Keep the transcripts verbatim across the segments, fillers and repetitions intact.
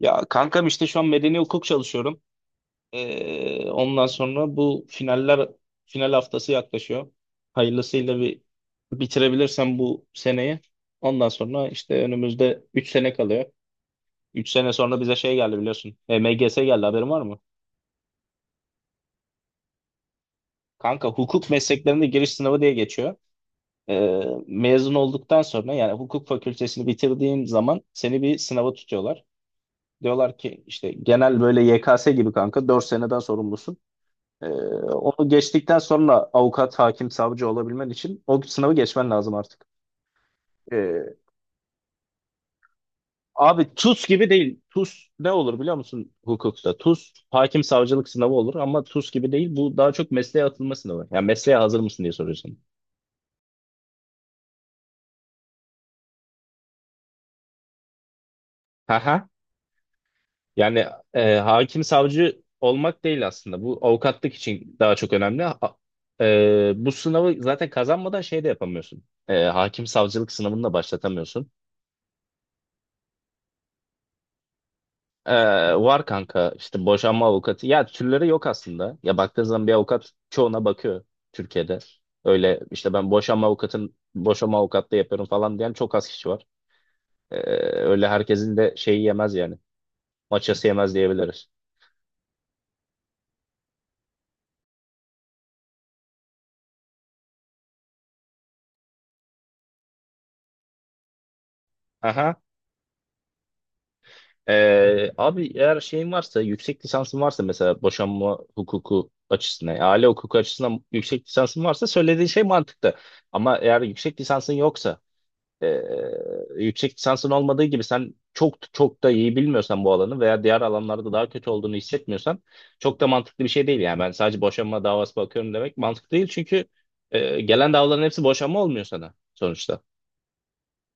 Ya kankam işte şu an medeni hukuk çalışıyorum. Ee, ondan sonra bu finaller final haftası yaklaşıyor. Hayırlısıyla bir bitirebilirsem bu seneyi. Ondan sonra işte önümüzde üç sene kalıyor. Üç sene sonra bize şey geldi biliyorsun. M G S geldi haberin var mı? Kanka hukuk mesleklerinde giriş sınavı diye geçiyor. Ee, mezun olduktan sonra yani hukuk fakültesini bitirdiğin zaman seni bir sınava tutuyorlar. Diyorlar ki işte genel böyle Y K S gibi kanka dört seneden sorumlusun. Ee, onu geçtikten sonra avukat, hakim, savcı olabilmen için o sınavı geçmen lazım artık. Ee, abi TUS gibi değil. TUS ne olur biliyor musun hukukta? TUS hakim savcılık sınavı olur ama TUS gibi değil. Bu daha çok mesleğe atılma sınavı. Yani mesleğe hazır mısın diye soruyorsun. Haha. Yani e, hakim savcı olmak değil aslında. Bu avukatlık için daha çok önemli. A- e, bu sınavı zaten kazanmadan şey de yapamıyorsun. E, hakim savcılık sınavını da başlatamıyorsun. Ee, var kanka işte boşanma avukatı. Ya türleri yok aslında. Ya baktığın zaman bir avukat çoğuna bakıyor Türkiye'de. Öyle işte ben boşanma avukatın boşanma avukatlığı yapıyorum falan diyen çok az kişi var. Ee, öyle herkesin de şeyi yemez yani. Maçası yemez diyebiliriz. Aha. Ee, abi eğer şeyin varsa, yüksek lisansın varsa mesela boşanma hukuku açısından, yani aile hukuku açısından yüksek lisansın varsa söylediğin şey mantıklı. Ama eğer yüksek lisansın yoksa, ee, yüksek lisansın olmadığı gibi sen çok çok da iyi bilmiyorsan bu alanı veya diğer alanlarda daha kötü olduğunu hissetmiyorsan çok da mantıklı bir şey değil. Yani ben sadece boşanma davası bakıyorum demek mantıklı değil çünkü ee, gelen davaların hepsi boşanma olmuyor sana sonuçta.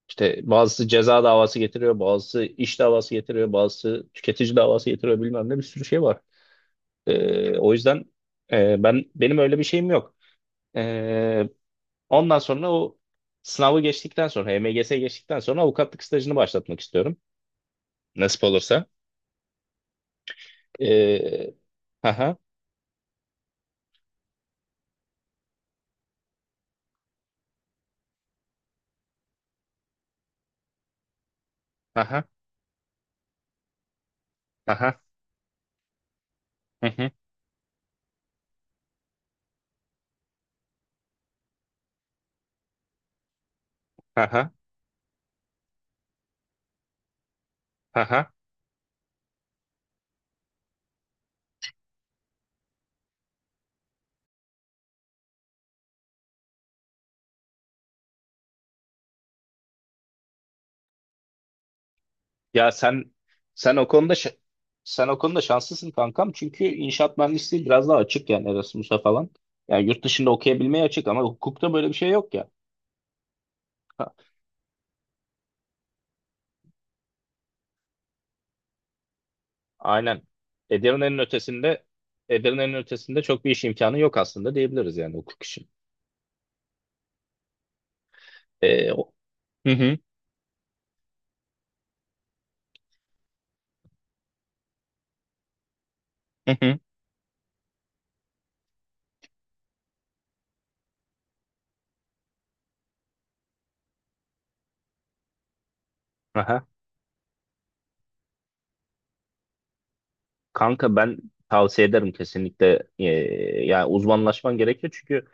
İşte bazısı ceza davası getiriyor, bazısı iş davası getiriyor, bazısı tüketici davası getiriyor bilmem ne bir sürü şey var. Ee, o yüzden e, ben benim öyle bir şeyim yok. Ee, ondan sonra o sınavı geçtikten sonra, H M G S geçtikten sonra avukatlık stajını başlatmak istiyorum. Nasip olursa. Ee, haha, haha, haha, hı hı, haha, haha. Ya sen sen o konuda şa- sen o konuda şanslısın kankam. Çünkü inşaat mühendisliği biraz daha açık yani Erasmus'a falan. Yani yurt dışında okuyabilmeye açık ama hukukta böyle bir şey yok ya. Aynen. Edirne'nin ötesinde Edirne'nin ötesinde çok bir iş imkanı yok aslında diyebiliriz yani hukuk için. Ee, o- Hı hı, hı hı. Aha. Kanka ben tavsiye ederim kesinlikle ee, yani uzmanlaşman gerekiyor çünkü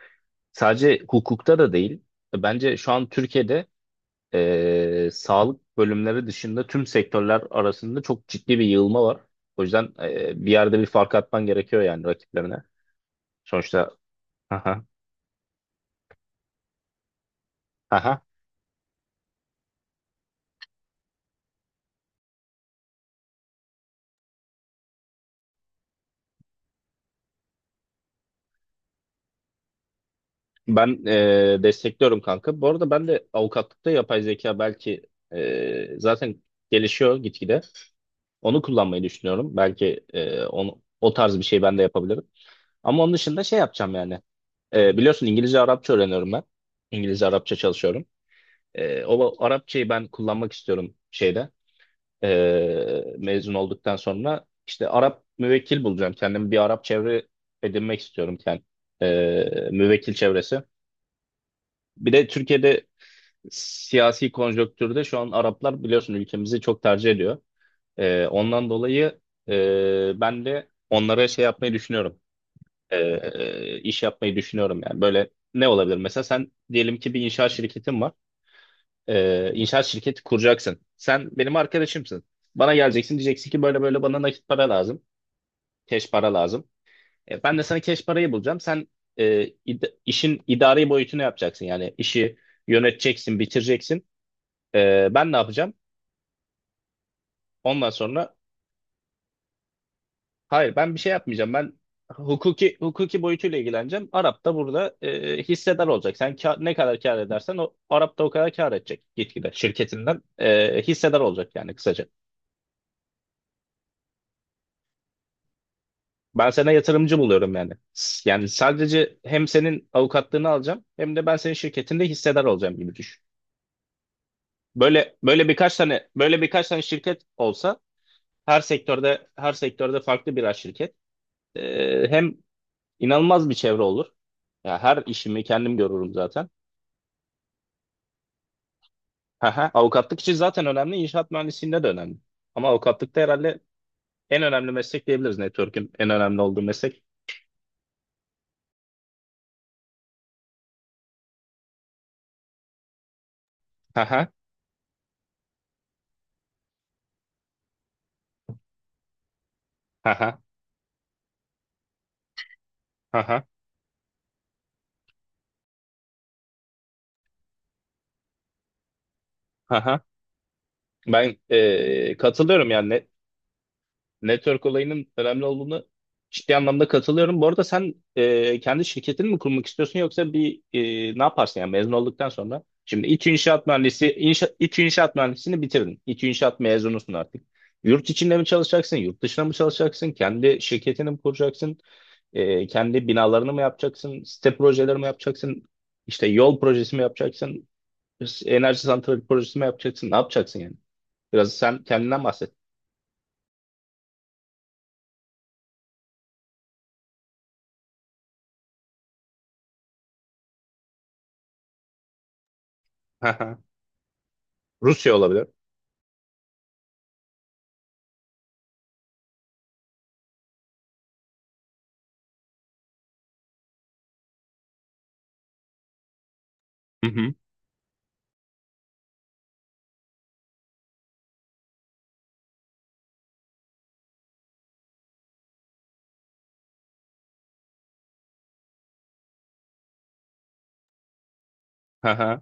sadece hukukta da değil. Bence şu an Türkiye'de e, sağlık bölümleri dışında tüm sektörler arasında çok ciddi bir yığılma var. O yüzden e, bir yerde bir fark atman gerekiyor yani rakiplerine. Sonuçta, aha, aha. Ben e, destekliyorum kanka. Bu arada ben de avukatlıkta yapay zeka belki e, zaten gelişiyor gitgide. Onu kullanmayı düşünüyorum. Belki e, onu, o tarz bir şey ben de yapabilirim. Ama onun dışında şey yapacağım yani. E, biliyorsun İngilizce Arapça öğreniyorum ben. İngilizce Arapça çalışıyorum. Ee, o Arapçayı ben kullanmak istiyorum şeyde ee, mezun olduktan sonra işte Arap müvekkil bulacağım kendimi bir Arap çevre edinmek istiyorum kendim. E, müvekkil çevresi. Bir de Türkiye'de siyasi konjonktürde şu an Araplar biliyorsun ülkemizi çok tercih ediyor. Ee, ondan dolayı ee, ben de onlara şey yapmayı düşünüyorum. Ee, e, iş yapmayı düşünüyorum yani böyle ne olabilir mesela sen diyelim ki bir inşaat şirketin var. E, inşaat şirketi kuracaksın. Sen benim arkadaşımsın. Bana geleceksin diyeceksin ki böyle böyle bana nakit para lazım. Cash para lazım. E, ben de sana cash parayı bulacağım. Sen e, id- işin idari boyutunu yapacaksın. Yani işi yöneteceksin, bitireceksin. E, ben ne yapacağım? Ondan sonra hayır ben bir şey yapmayacağım. Ben hukuki hukuki boyutuyla ilgileneceğim. Arap da burada e, hissedar olacak. Sen kâ- ne kadar kâr edersen o Arap da o kadar kâr edecek gitgide şirketinden e, hissedar olacak yani kısaca. Ben sana yatırımcı buluyorum yani. S- Yani sadece hem senin avukatlığını alacağım hem de ben senin şirketinde hissedar olacağım gibi düşün. Böyle böyle birkaç tane böyle birkaç tane şirket olsa her sektörde her sektörde farklı birer şirket. Ee, hem inanılmaz bir çevre olur. Ya her işimi kendim görürüm zaten. Haha, avukatlık için zaten önemli, inşaat mühendisliğinde de önemli. Ama avukatlıkta herhalde en önemli meslek diyebiliriz. Network'ün en önemli olduğu meslek. Haha, haha, haha, haha. Ben e, katılıyorum yani. Network olayının önemli olduğunu ciddi anlamda katılıyorum. Bu arada sen e, kendi şirketini mi kurmak istiyorsun yoksa bir e, ne yaparsın yani mezun olduktan sonra? Şimdi İTÜ İnşaat Mühendisi, inşa, İTÜ İnşaat Mühendisliğini bitirdin. İTÜ İnşaat mezunusun artık. Yurt içinde mi çalışacaksın, yurt dışında mı çalışacaksın, kendi şirketini mi kuracaksın, E, kendi binalarını mı yapacaksın, site projeleri mi yapacaksın, İşte yol projesi mi yapacaksın, enerji santrali projesi mi yapacaksın, ne yapacaksın yani? Biraz sen kendinden bahset. Rusya olabilir. Hı hı. Hı hı,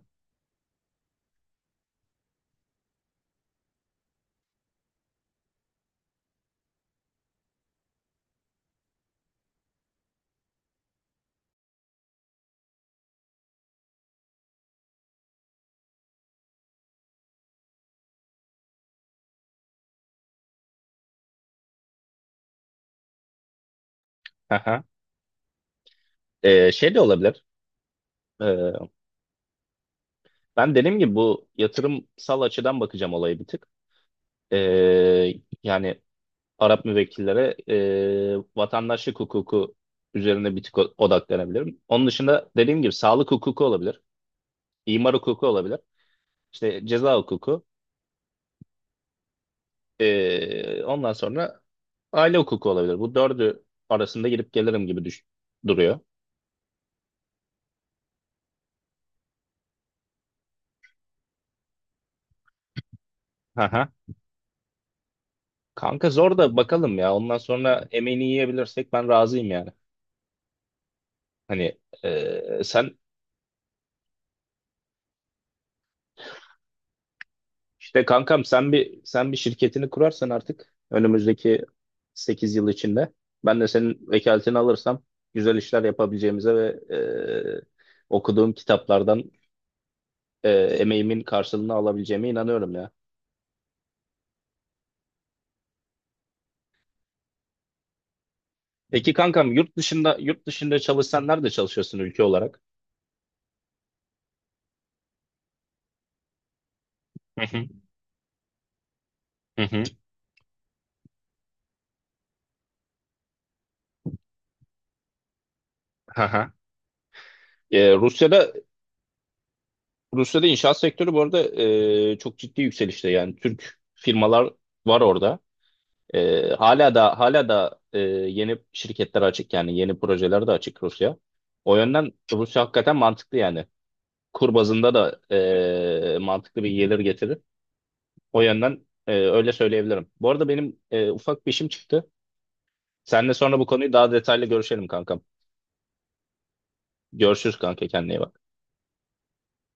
hı hı. Ee, şey de olabilir. Ee, ben dediğim gibi bu yatırımsal açıdan bakacağım olayı bir tık. Ee, yani Arap müvekkillere e, vatandaşlık hukuku üzerine bir tık o- odaklanabilirim. Onun dışında dediğim gibi sağlık hukuku olabilir, imar hukuku olabilir, işte ceza hukuku. Ee, ondan sonra aile hukuku olabilir. Bu dördü arasında gidip gelirim gibi düş duruyor. Hı hı. Kanka zor da bakalım ya. Ondan sonra emeğini yiyebilirsek ben razıyım yani. Hani e, sen işte kankam sen bir sen bir şirketini kurarsan artık önümüzdeki sekiz yıl içinde ben de senin vekaletini alırsam güzel işler yapabileceğimize ve e, okuduğum kitaplardan e, emeğimin karşılığını alabileceğime inanıyorum ya. Peki kankam yurt dışında yurt dışında çalışsan nerede çalışıyorsun ülke olarak? Hı hı, hı hı, hı hı. E, Rusya'da Rusya'da inşaat sektörü bu arada e, çok ciddi yükselişte yani Türk firmalar var orada. Ee, hala da hala da e, yeni şirketler açık yani yeni projeler de açık Rusya. O yönden Rusya hakikaten mantıklı yani. Kur bazında da e, mantıklı bir gelir getirir. O yönden e, öyle söyleyebilirim. Bu arada benim e, ufak bir işim çıktı. Seninle sonra bu konuyu daha detaylı görüşelim kankam. Görüşürüz kanka kendine iyi bak.